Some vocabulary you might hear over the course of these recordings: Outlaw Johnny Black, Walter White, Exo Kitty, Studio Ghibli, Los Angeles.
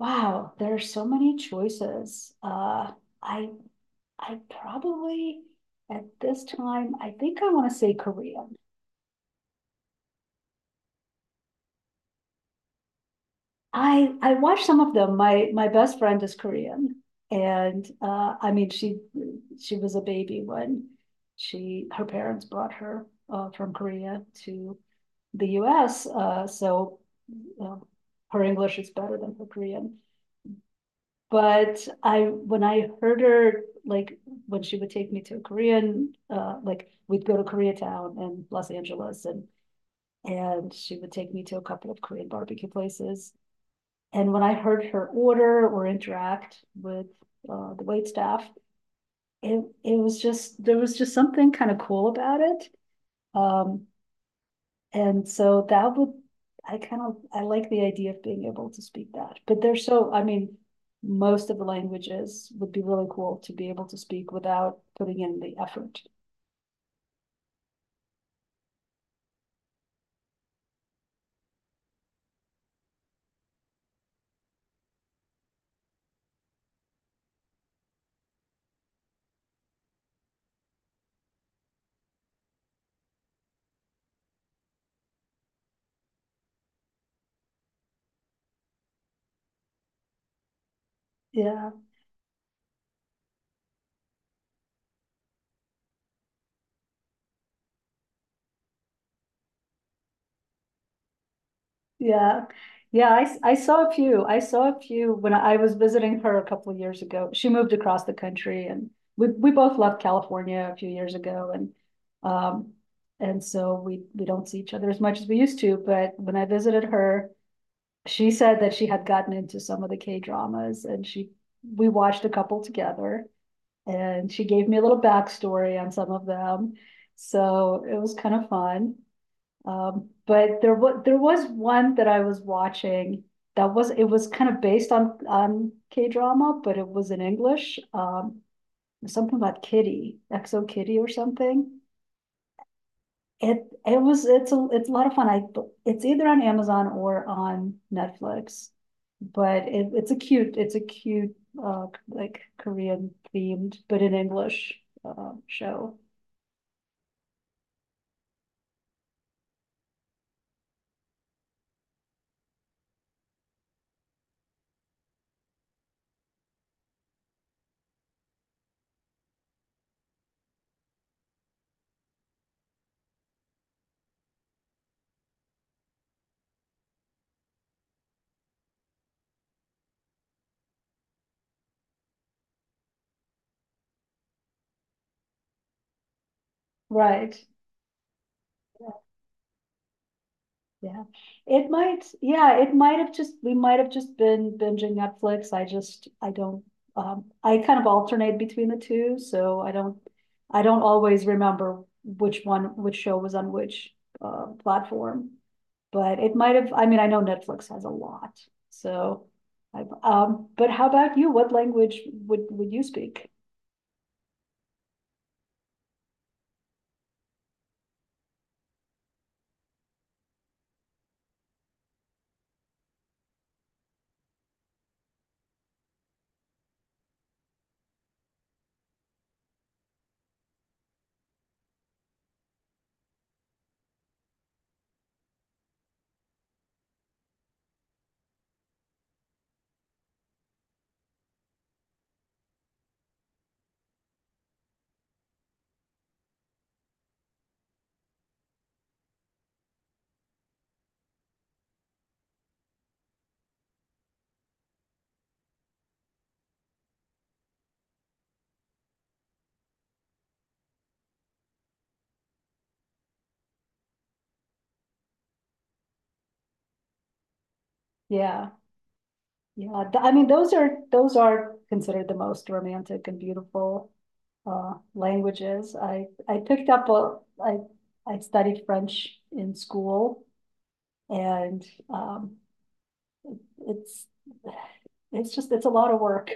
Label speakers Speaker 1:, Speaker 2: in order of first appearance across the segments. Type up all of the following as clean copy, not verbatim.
Speaker 1: Wow, there are so many choices. I I probably at this time, I think I want to say Korean. I watch some of them. My best friend is Korean, and I mean she was a baby when she her parents brought her from Korea to the U.S. Uh, Her English is better than her Korean. But I, when I heard her, like, when she would take me to Korean, like, we'd go to Koreatown and Los Angeles, and she would take me to a couple of Korean barbecue places. And when I heard her order or interact with the waitstaff, it was just there was just something kind of cool about it. Um, and so that would, I kind of, I like the idea of being able to speak that, but they're so, I mean, most of the languages would be really cool to be able to speak without putting in the effort. Yeah, yeah. Yeah, I saw a few. I saw a few when I was visiting her a couple of years ago. She moved across the country, and we both left California a few years ago, um and so we don't see each other as much as we used to, but when I visited her, she said that she had gotten into some of the K dramas, and she we watched a couple together, and she gave me a little backstory on some of them. So it was kind of fun. But there was one that I was watching that was kind of based on K drama, but it was in English. Something about Kitty, Exo Kitty or something. It's a lot of fun. I it's either on Amazon or on Netflix, but it's a cute like Korean themed but in English, show. Right. Yeah. It might, yeah, it might have just we might have just been binging Netflix. I don't I kind of alternate between the two, so I don't always remember which one which show was on which platform. But it might have, I mean, I know Netflix has a lot. So I but how about you? What language would you speak? Yeah. Yeah, I mean, those are considered the most romantic and beautiful languages. I picked up a I studied French in school, and um, it's it's just it's a lot of work.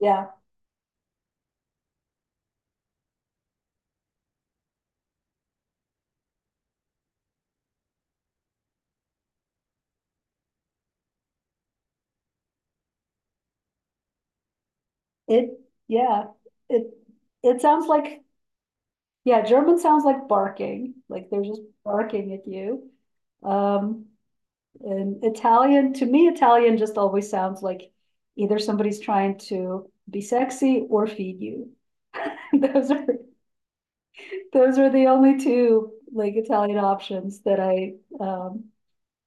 Speaker 1: Yeah, it yeah it it sounds like yeah German sounds like barking, like they're just barking at you. Um, And Italian, to me, Italian just always sounds like either somebody's trying to be sexy or feed you. those are those are the only two like Italian options that I um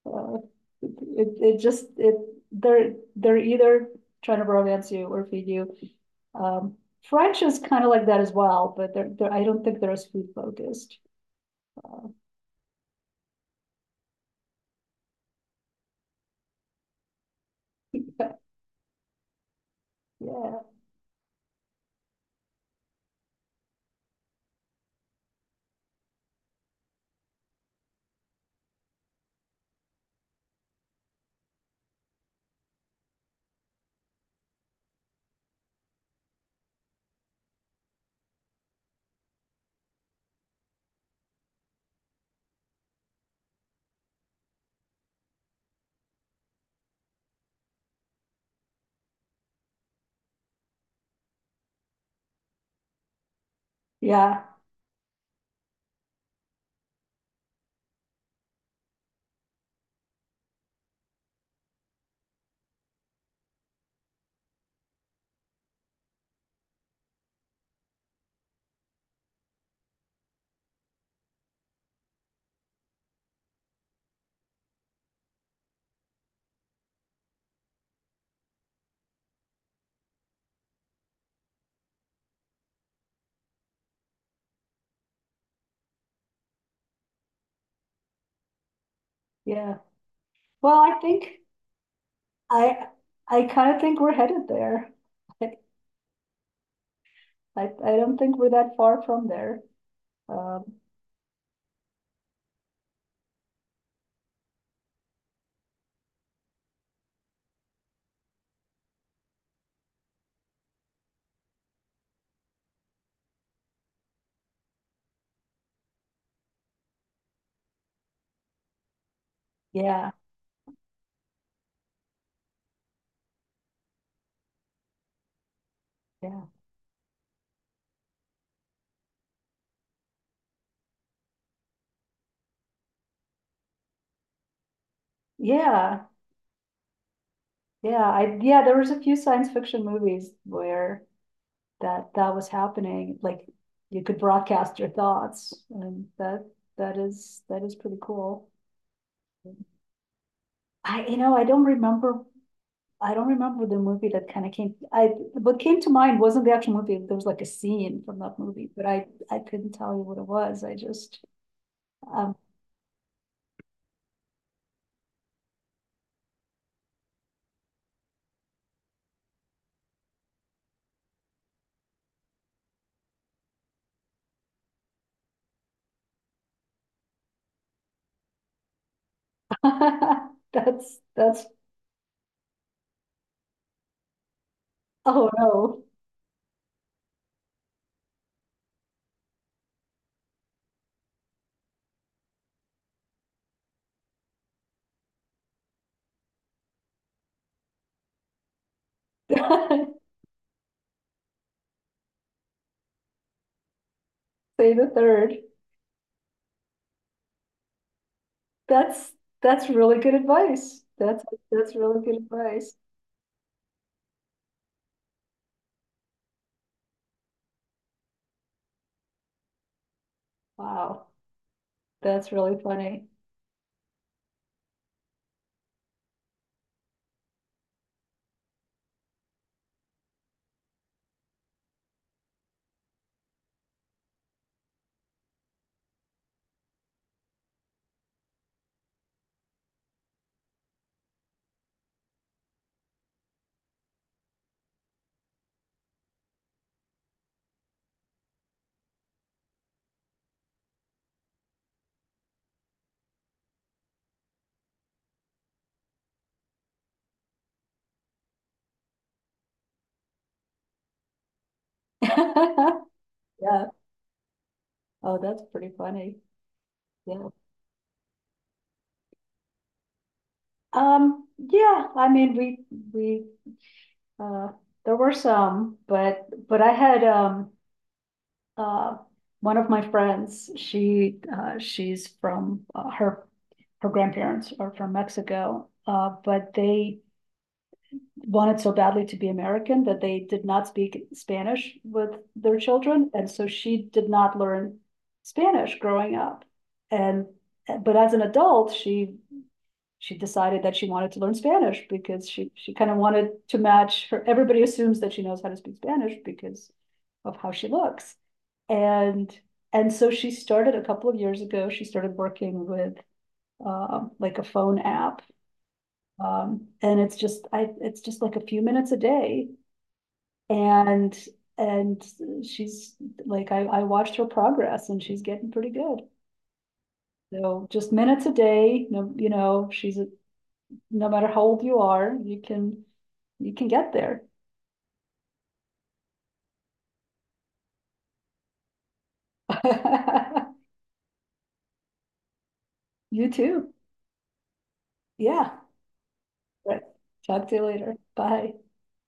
Speaker 1: uh, it it just it they're either trying to romance you or feed you. Um, French is kind of like that as well, but they're, I don't think they're as food focused. Uh, but yeah, yeah, yeah. Well, I think I I kind of think we're headed there. I, I don't think we're that far from there. Um, yeah, yeah, yeah, yeah. I yeah, there was a few science fiction movies where that was happening. Like you could broadcast your thoughts, and that is pretty cool. I you know I don't remember. I don't remember the movie that kind of came. I, what came to mind wasn't the actual movie. There was like a scene from that movie, but I couldn't tell you what it was. I just I that's oh no. Say the third. That's that's really good advice. That's really good advice. Wow. That's really funny. Yeah. Oh, that's pretty funny. Yeah. Yeah, I mean we uh there were some, but I had uh, one of my friends, she's from, her grandparents are from Mexico, but they wanted so badly to be American that they did not speak Spanish with their children. And so she did not learn Spanish growing up. And, but as an adult, she decided that she wanted to learn Spanish because she kind of wanted to match her. Everybody assumes that she knows how to speak Spanish because of how she looks. And so she started a couple of years ago, she started working with like a phone app. And it's just I it's just like a few minutes a day. And and she's like, I watched her progress and she's getting pretty good. So just minutes a day, no, you know, she's no matter how old you are, you can get there. You too. Yeah. Right. Talk to you later. Bye.